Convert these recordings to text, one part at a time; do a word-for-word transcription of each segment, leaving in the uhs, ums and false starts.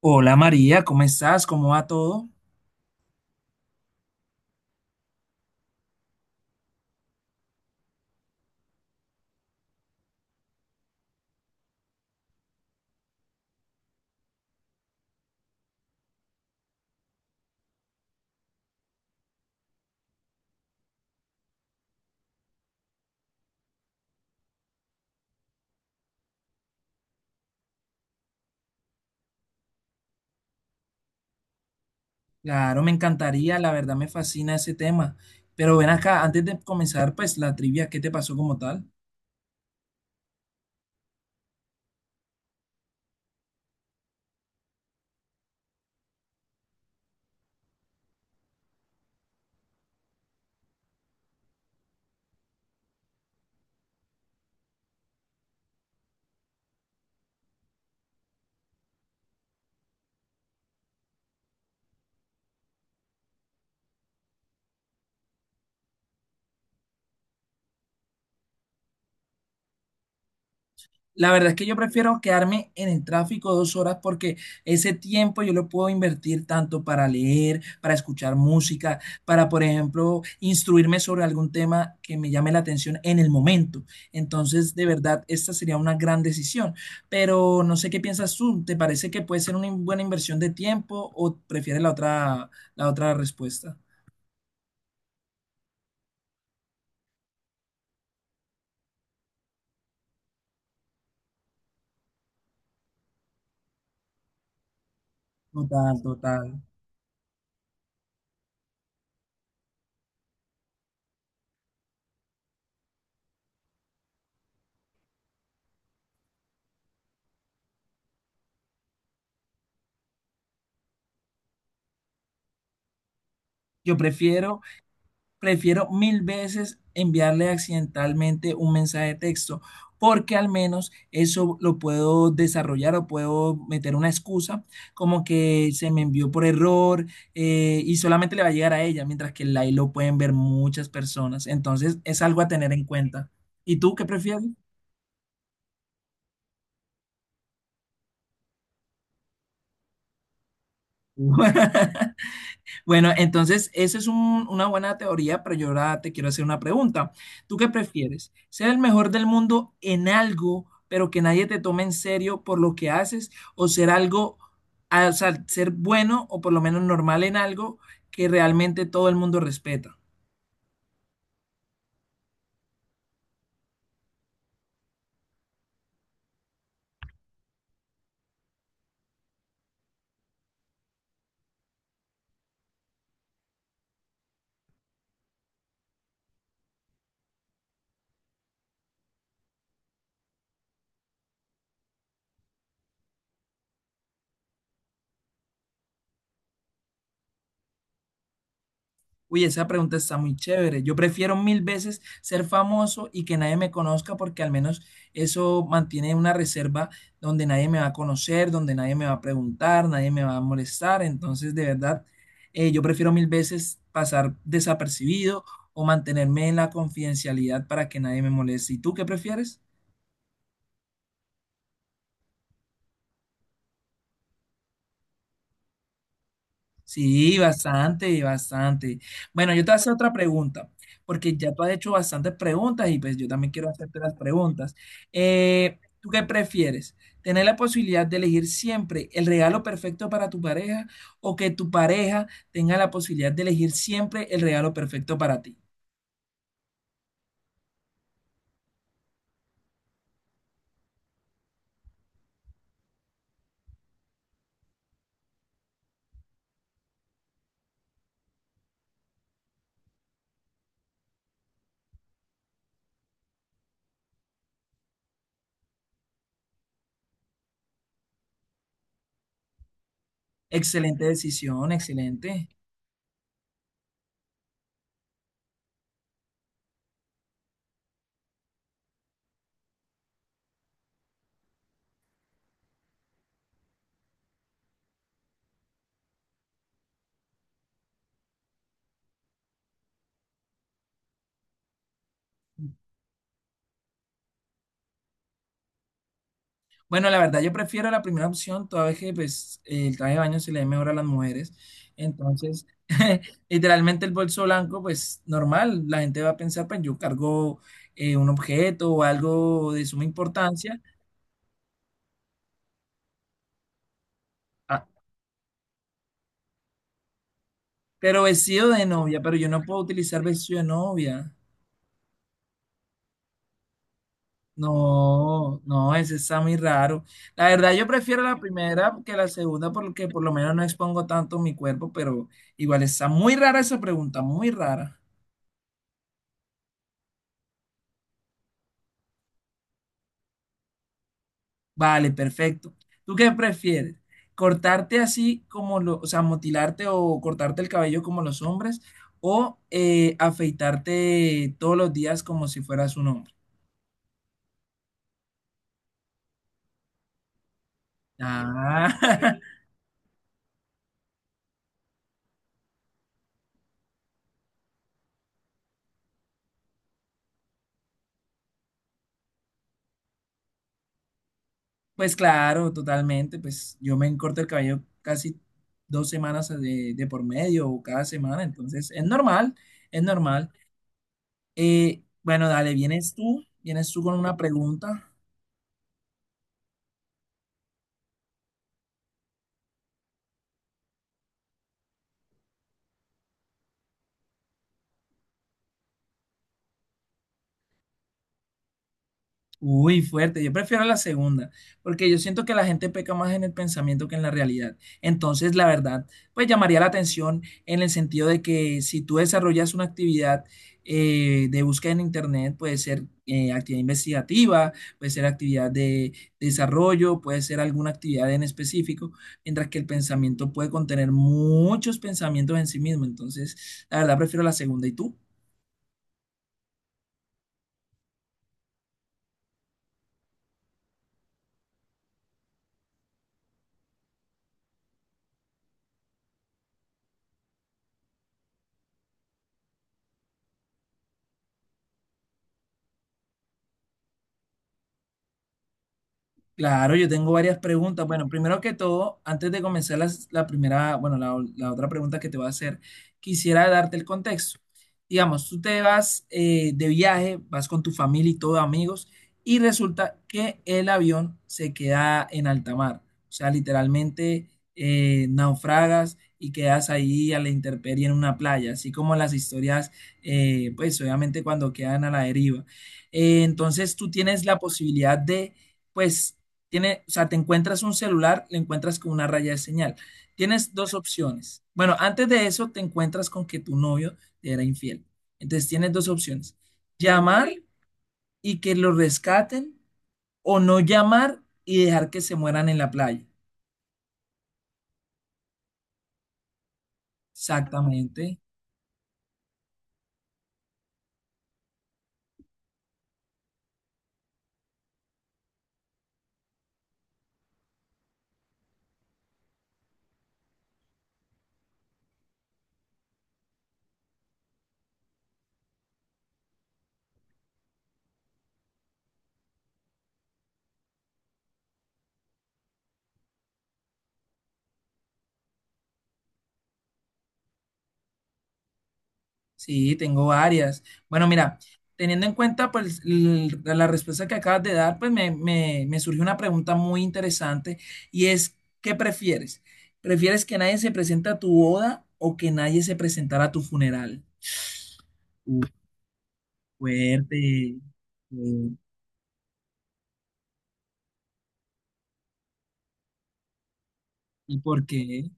Hola María, ¿cómo estás? ¿Cómo va todo? Claro, me encantaría, la verdad me fascina ese tema. Pero ven acá, antes de comenzar, pues la trivia, ¿qué te pasó como tal? La verdad es que yo prefiero quedarme en el tráfico dos horas porque ese tiempo yo lo puedo invertir tanto para leer, para escuchar música, para, por ejemplo, instruirme sobre algún tema que me llame la atención en el momento. Entonces, de verdad, esta sería una gran decisión. Pero no sé qué piensas tú. ¿Te parece que puede ser una in- buena inversión de tiempo o prefieres la otra, la otra respuesta? Total, total. Yo prefiero Prefiero mil veces enviarle accidentalmente un mensaje de texto, porque al menos eso lo puedo desarrollar o puedo meter una excusa como que se me envió por error eh, y solamente le va a llegar a ella, mientras que el live lo pueden ver muchas personas. Entonces es algo a tener en cuenta. ¿Y tú qué prefieres? Bueno, entonces, esa es un- una buena teoría, pero yo ahora te quiero hacer una pregunta. ¿Tú qué prefieres? ¿Ser el mejor del mundo en algo, pero que nadie te tome en serio por lo que haces? ¿O ser algo, ah, o sea, ser bueno o por lo menos normal en algo que realmente todo el mundo respeta? Uy, esa pregunta está muy chévere. Yo prefiero mil veces ser famoso y que nadie me conozca porque al menos eso mantiene una reserva donde nadie me va a conocer, donde nadie me va a preguntar, nadie me va a molestar. Entonces, de verdad, eh, yo prefiero mil veces pasar desapercibido o mantenerme en la confidencialidad para que nadie me moleste. ¿Y tú qué prefieres? Sí, bastante, bastante. Bueno, yo te voy a hacer otra pregunta, porque ya tú has hecho bastantes preguntas y pues yo también quiero hacerte las preguntas. Eh, ¿tú qué prefieres? ¿Tener la posibilidad de elegir siempre el regalo perfecto para tu pareja o que tu pareja tenga la posibilidad de elegir siempre el regalo perfecto para ti? Excelente decisión, excelente. Bueno, la verdad, yo prefiero la primera opción, toda vez que pues, el traje de baño se le ve mejor a las mujeres. Entonces, literalmente el bolso blanco, pues normal, la gente va a pensar, pues yo cargo eh, un objeto o algo de suma importancia, ah, pero vestido de novia, pero yo no puedo utilizar vestido de novia. No, no, ese está muy raro. La verdad, yo prefiero la primera que la segunda porque por lo menos no expongo tanto mi cuerpo, pero igual está muy rara esa pregunta, muy rara. Vale, perfecto. ¿Tú qué prefieres? ¿Cortarte así como lo, o sea, motilarte o cortarte el cabello como los hombres o eh, afeitarte todos los días como si fueras un hombre? Ah, pues claro, totalmente. Pues yo me corto el cabello casi dos semanas de, de por medio o cada semana, entonces es normal, es normal. Eh, bueno, dale, vienes tú, vienes tú con una pregunta. Uy, fuerte. Yo prefiero la segunda, porque yo siento que la gente peca más en el pensamiento que en la realidad. Entonces, la verdad, pues llamaría la atención en el sentido de que si tú desarrollas una actividad eh, de búsqueda en Internet, puede ser eh, actividad investigativa, puede ser actividad de desarrollo, puede ser alguna actividad en específico, mientras que el pensamiento puede contener muchos pensamientos en sí mismo. Entonces, la verdad, prefiero la segunda. ¿Y tú? Claro, yo tengo varias preguntas. Bueno, primero que todo, antes de comenzar las- la primera, bueno, la, la otra pregunta que te voy a hacer, quisiera darte el contexto. Digamos, tú te vas eh, de viaje, vas con tu familia y todo, amigos, y resulta que el avión se queda en alta mar. O sea, literalmente eh, naufragas y quedas ahí a la intemperie en una playa, así como las historias, eh, pues obviamente cuando quedan a la deriva. Eh, entonces, tú tienes la posibilidad de pues tiene, o sea, te encuentras un celular, le encuentras con una raya de señal. Tienes dos opciones. Bueno, antes de eso te encuentras con que tu novio te era infiel. Entonces tienes dos opciones. Llamar y que lo rescaten o no llamar y dejar que se mueran en la playa. Exactamente. Sí, tengo varias. Bueno, mira, teniendo en cuenta pues l- la respuesta que acabas de dar, pues me, me, me surgió una pregunta muy interesante y es, ¿qué prefieres? ¿Prefieres que nadie se presente a tu boda o que nadie se presentara a tu funeral? Uh, fuerte. Eh, ¿Y por qué?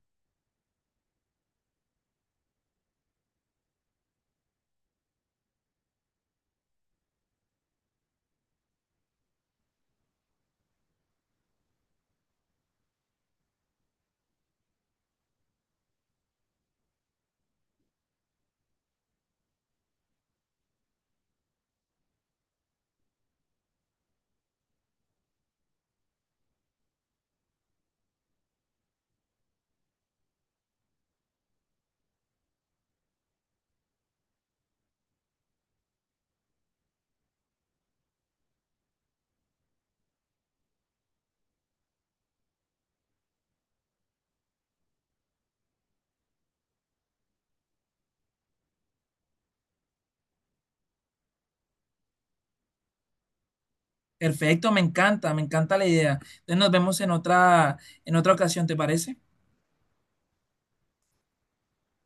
Perfecto, me encanta, me encanta la idea. Entonces nos vemos en otra, en otra ocasión, ¿te parece?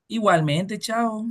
Igualmente, chao.